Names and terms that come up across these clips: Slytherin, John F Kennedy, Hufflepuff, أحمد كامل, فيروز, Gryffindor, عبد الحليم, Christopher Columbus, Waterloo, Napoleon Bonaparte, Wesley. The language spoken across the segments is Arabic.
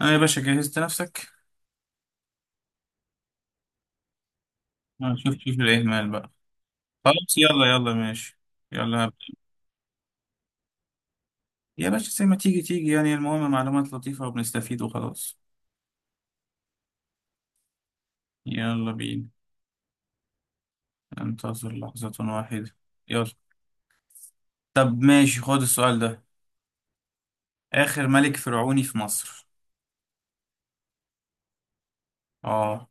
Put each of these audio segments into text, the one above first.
اه يا باشا، جهزت نفسك؟ اه، شوف الإهمال بقى. خلاص يلا يلا ماشي. يلا هبدأ. يا باشا زي ما تيجي تيجي، يعني المهم معلومات لطيفة وبنستفيد وخلاص. يلا بينا. انتظر لحظة واحدة. يلا. طب ماشي، خد السؤال ده: آخر ملك فرعوني في مصر. اه.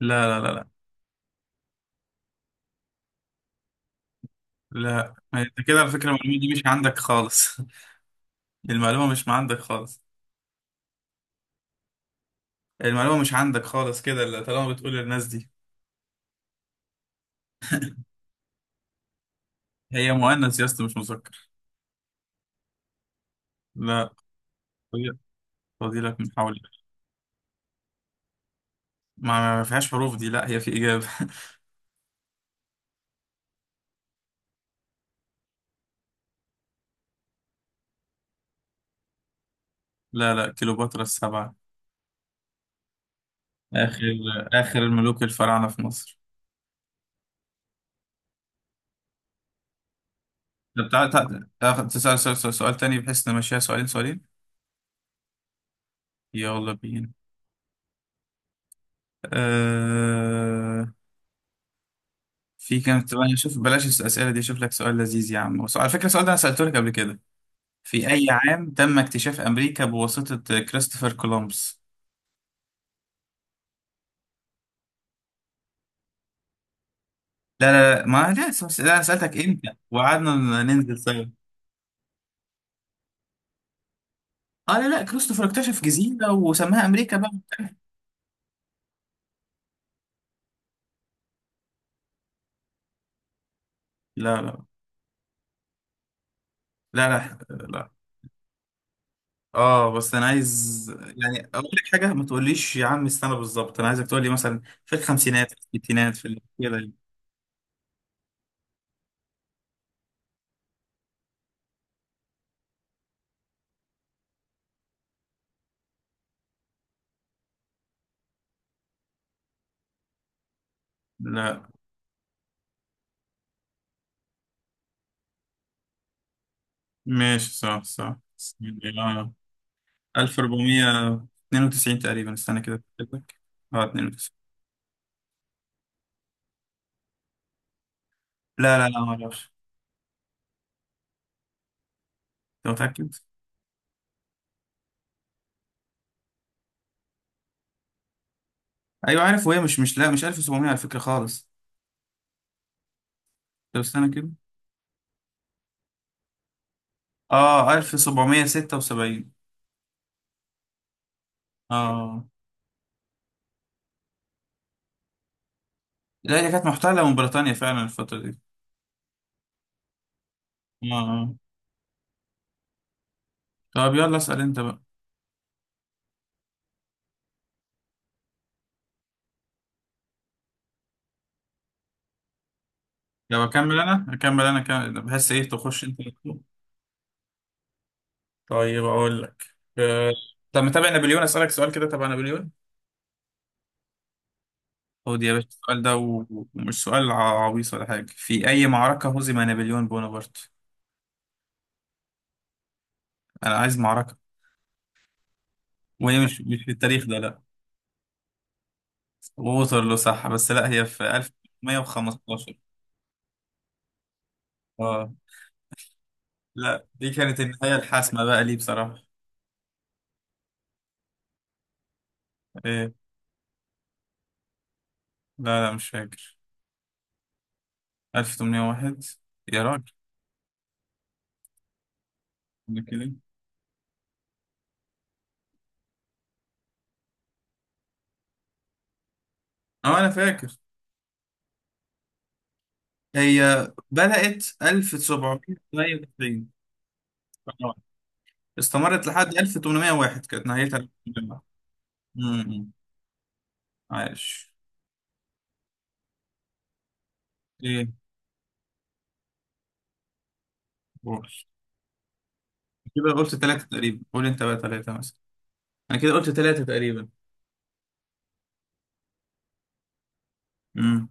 لا لا لا لا. لا ما انت كده على فكرة المعلومة دي مش عندك خالص. المعلومة مش عندك خالص. المعلومة مش عندك خالص كده اللي طالما بتقول للناس دي. هي مؤنث يا اسطى مش مذكر. لا. فاضي- فاضيلك محاولة. ما فيهاش حروف دي، لا هي في إجابة. لا لا، كليوباترا السبعة. آخر، آخر الملوك الفراعنة في مصر. طب تعال تعال تسأل سؤال تاني، بحيث نمشيها سؤالين سؤالين. يلا بينا. آه، في كام؟ طب أنا شوف، بلاش الأسئلة دي، أشوف لك سؤال لذيذ يا عم على فكرة السؤال ده أنا سألته لك قبل كده: في أي عام تم اكتشاف أمريكا بواسطة كريستوفر كولومبس؟ لا لا لا ما لا لا، أنا سألتك إمتى وقعدنا ننزل سوا. اه لا لا، كريستوفر اكتشف جزيرة وسماها أمريكا بقى. لا لا لا لا لا. اه بس انا عايز يعني اقول لك حاجه، ما تقوليش يا عم السنه بالظبط، انا عايزك تقول لي مثلا في الخمسينات، في الستينات، في كده يعني. لا. ماشي صح صح. آه، 1492 تقريبا. استنى كده أتأكد لك. اه 92. لا لا لا ما اعرفش. انت متاكد؟ ايوه عارف، وهي مش لا مش 1700 على فكره خالص. طب استنى كده. اه 1776. اه. لا هي كانت محتله من بريطانيا فعلا الفتره دي. اه آه. طب يلا اسال انت بقى. لو اكمل انا اكمل انا كم، بحس ايه تخش انت على طول. طيب اقول لك. أه. طب متابع نابليون؟ اسالك سؤال كده تبع نابليون. خد يا باشا السؤال ده ومش سؤال عويص ولا حاجه: في اي معركه هزم نابليون بونابرت؟ انا عايز معركه. وهي مش في التاريخ ده، لا. ووترلو صح، بس لا هي في 1115. اه لا دي كانت النهايه الحاسمه بقى ليه بصراحه. ايه؟ لا لا مش فاكر. 1801 يا راجل. أنا كده. اه انا فاكر. هي بدأت 1798. آه. استمرت لحد 1801، كانت نهايتها الجامعة. امم. عايش. ايه؟ قول. كده قلت ثلاثة تقريبا، قول انت بقى ثلاثة مثلا. انا كده قلت ثلاثة تقريبا. امم.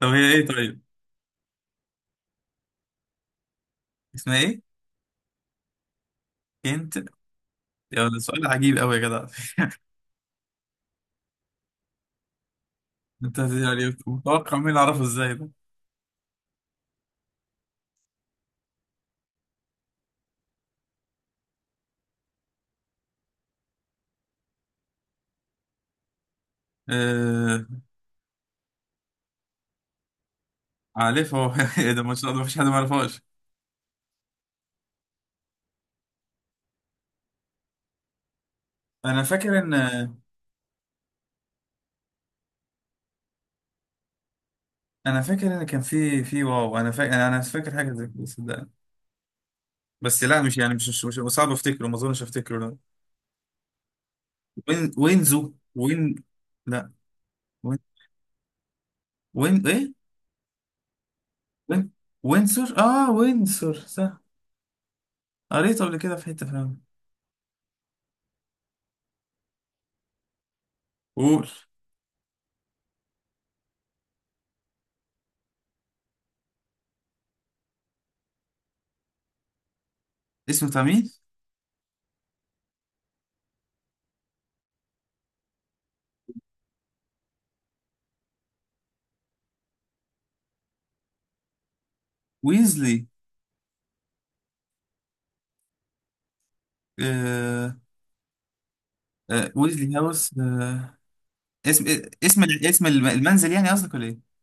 طب هي ايه طيب؟ اسمها ايه؟ كنت. يا ده سؤال عجيب قوي يا جدع. انت يعني متوقع مين اللي اعرفه ازاي ده؟ آه. عارفه. ايه ده، ما شاء الله، مفيش حد ما يعرفهاش. انا فاكر ان، انا فاكر ان كان في واو، انا فاكر، انا أنا فاكر حاجه زي كده صدقني. بس لا مش يعني مش صعب افتكره، ما اظنش افتكره، لا. وين وينزو وين. لا. وين، وين ايه؟ وين. وينسور. اه وينسور صح. قريته قبل كده في حته فعلا. قول. اسمه بتاع مين؟ ويزلي. آه. آه ويزلي هاوس. آه. اسم، اسم، اسم المنزل يعني قصدك ولا ايه؟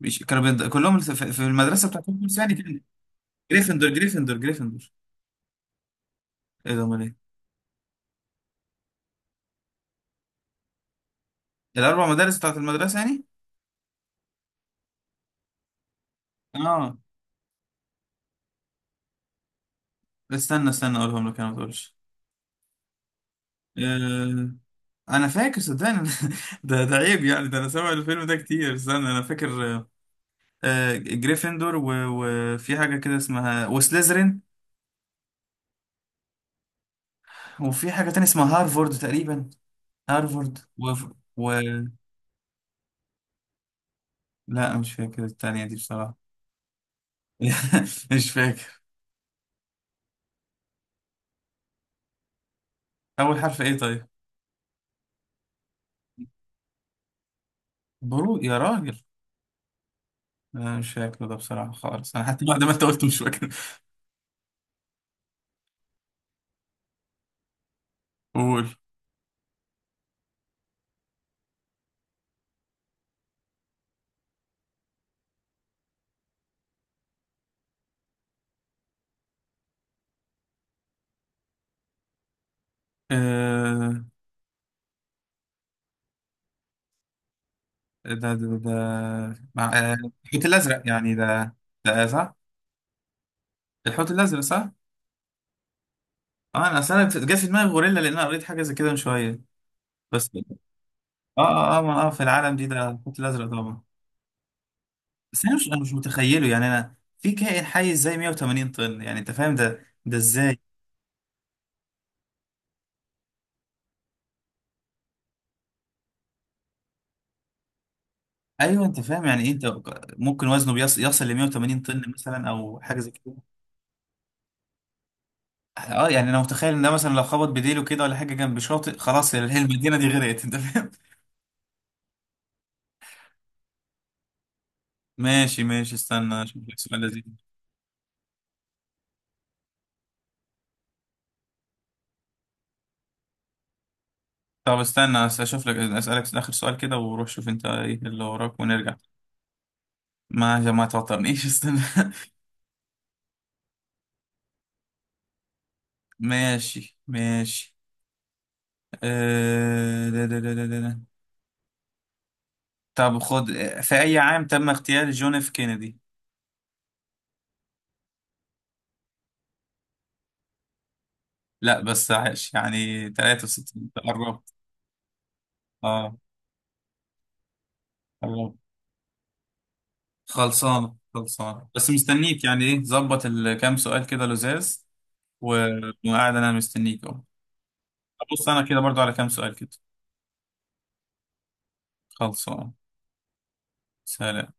مش كانوا كلهم في في المدرسه بتاعتهم يعني، كان جريفندور جريفندور جريفندور. ايه ده امال إيه؟ الاربع مدارس بتاعت المدرسه يعني. اه. استنى استنى اقولهم لك انا، ما تقولش. آه، انا فاكر صدقني. ده ده عيب يعني، ده انا سامع الفيلم ده كتير. استنى انا فاكر. آه، آه، جريفندور وفي حاجه كده اسمها وسليزرين. وفي حاجه تانية اسمها هارفورد تقريبا. هارفورد و، و، لا مش فاكر التانية دي بصراحه. مش فاكر. اول حرف ايه طيب؟ برو يا راجل. لا مش فاكر ده بصراحه خالص، انا حتى بعد ما انت قلت مش فاكر. قول. ده مع آه، الحوت الازرق يعني ده. ده آه، صح. الحوت الازرق صح. اه، انا اصل انا جه في دماغي غوريلا، لان انا قريت حاجه زي كده من شويه. بس. اه اه اه آه، في العالم دي ده الحوت الازرق طبعا. بس انا مش متخيله يعني، انا في كائن حي ازاي 180 طن؟ يعني انت فاهم ده ده ازاي؟ ايوه انت فاهم يعني ايه انت. ممكن وزنه يصل ل 180 طن مثلا او حاجه زي كده. اه يعني انا متخيل ان ده مثلا لو خبط بديله كده ولا حاجه جنب شاطئ، خلاص المدينه دي غرقت، انت فاهم. ماشي ماشي، استنى اشوف لك سؤال لذيذ. طب استنى اشوف لك اسالك اخر سؤال كده وروح شوف انت ايه اللي وراك ونرجع. ما عشان ما توترنيش. استنى. ماشي ماشي. أه. ده ده ده ده ده. ده. طب خد: في اي عام تم اغتيال جون اف كينيدي؟ لا بس عاش يعني 63، قربت. اه. قربت. خلصانه خلصانه بس مستنيك يعني، ايه ظبط الكام سؤال كده لزاز، وقاعد انا مستنيك اهو. بص انا كده برضو على كام سؤال كده. خلصانه. سلام.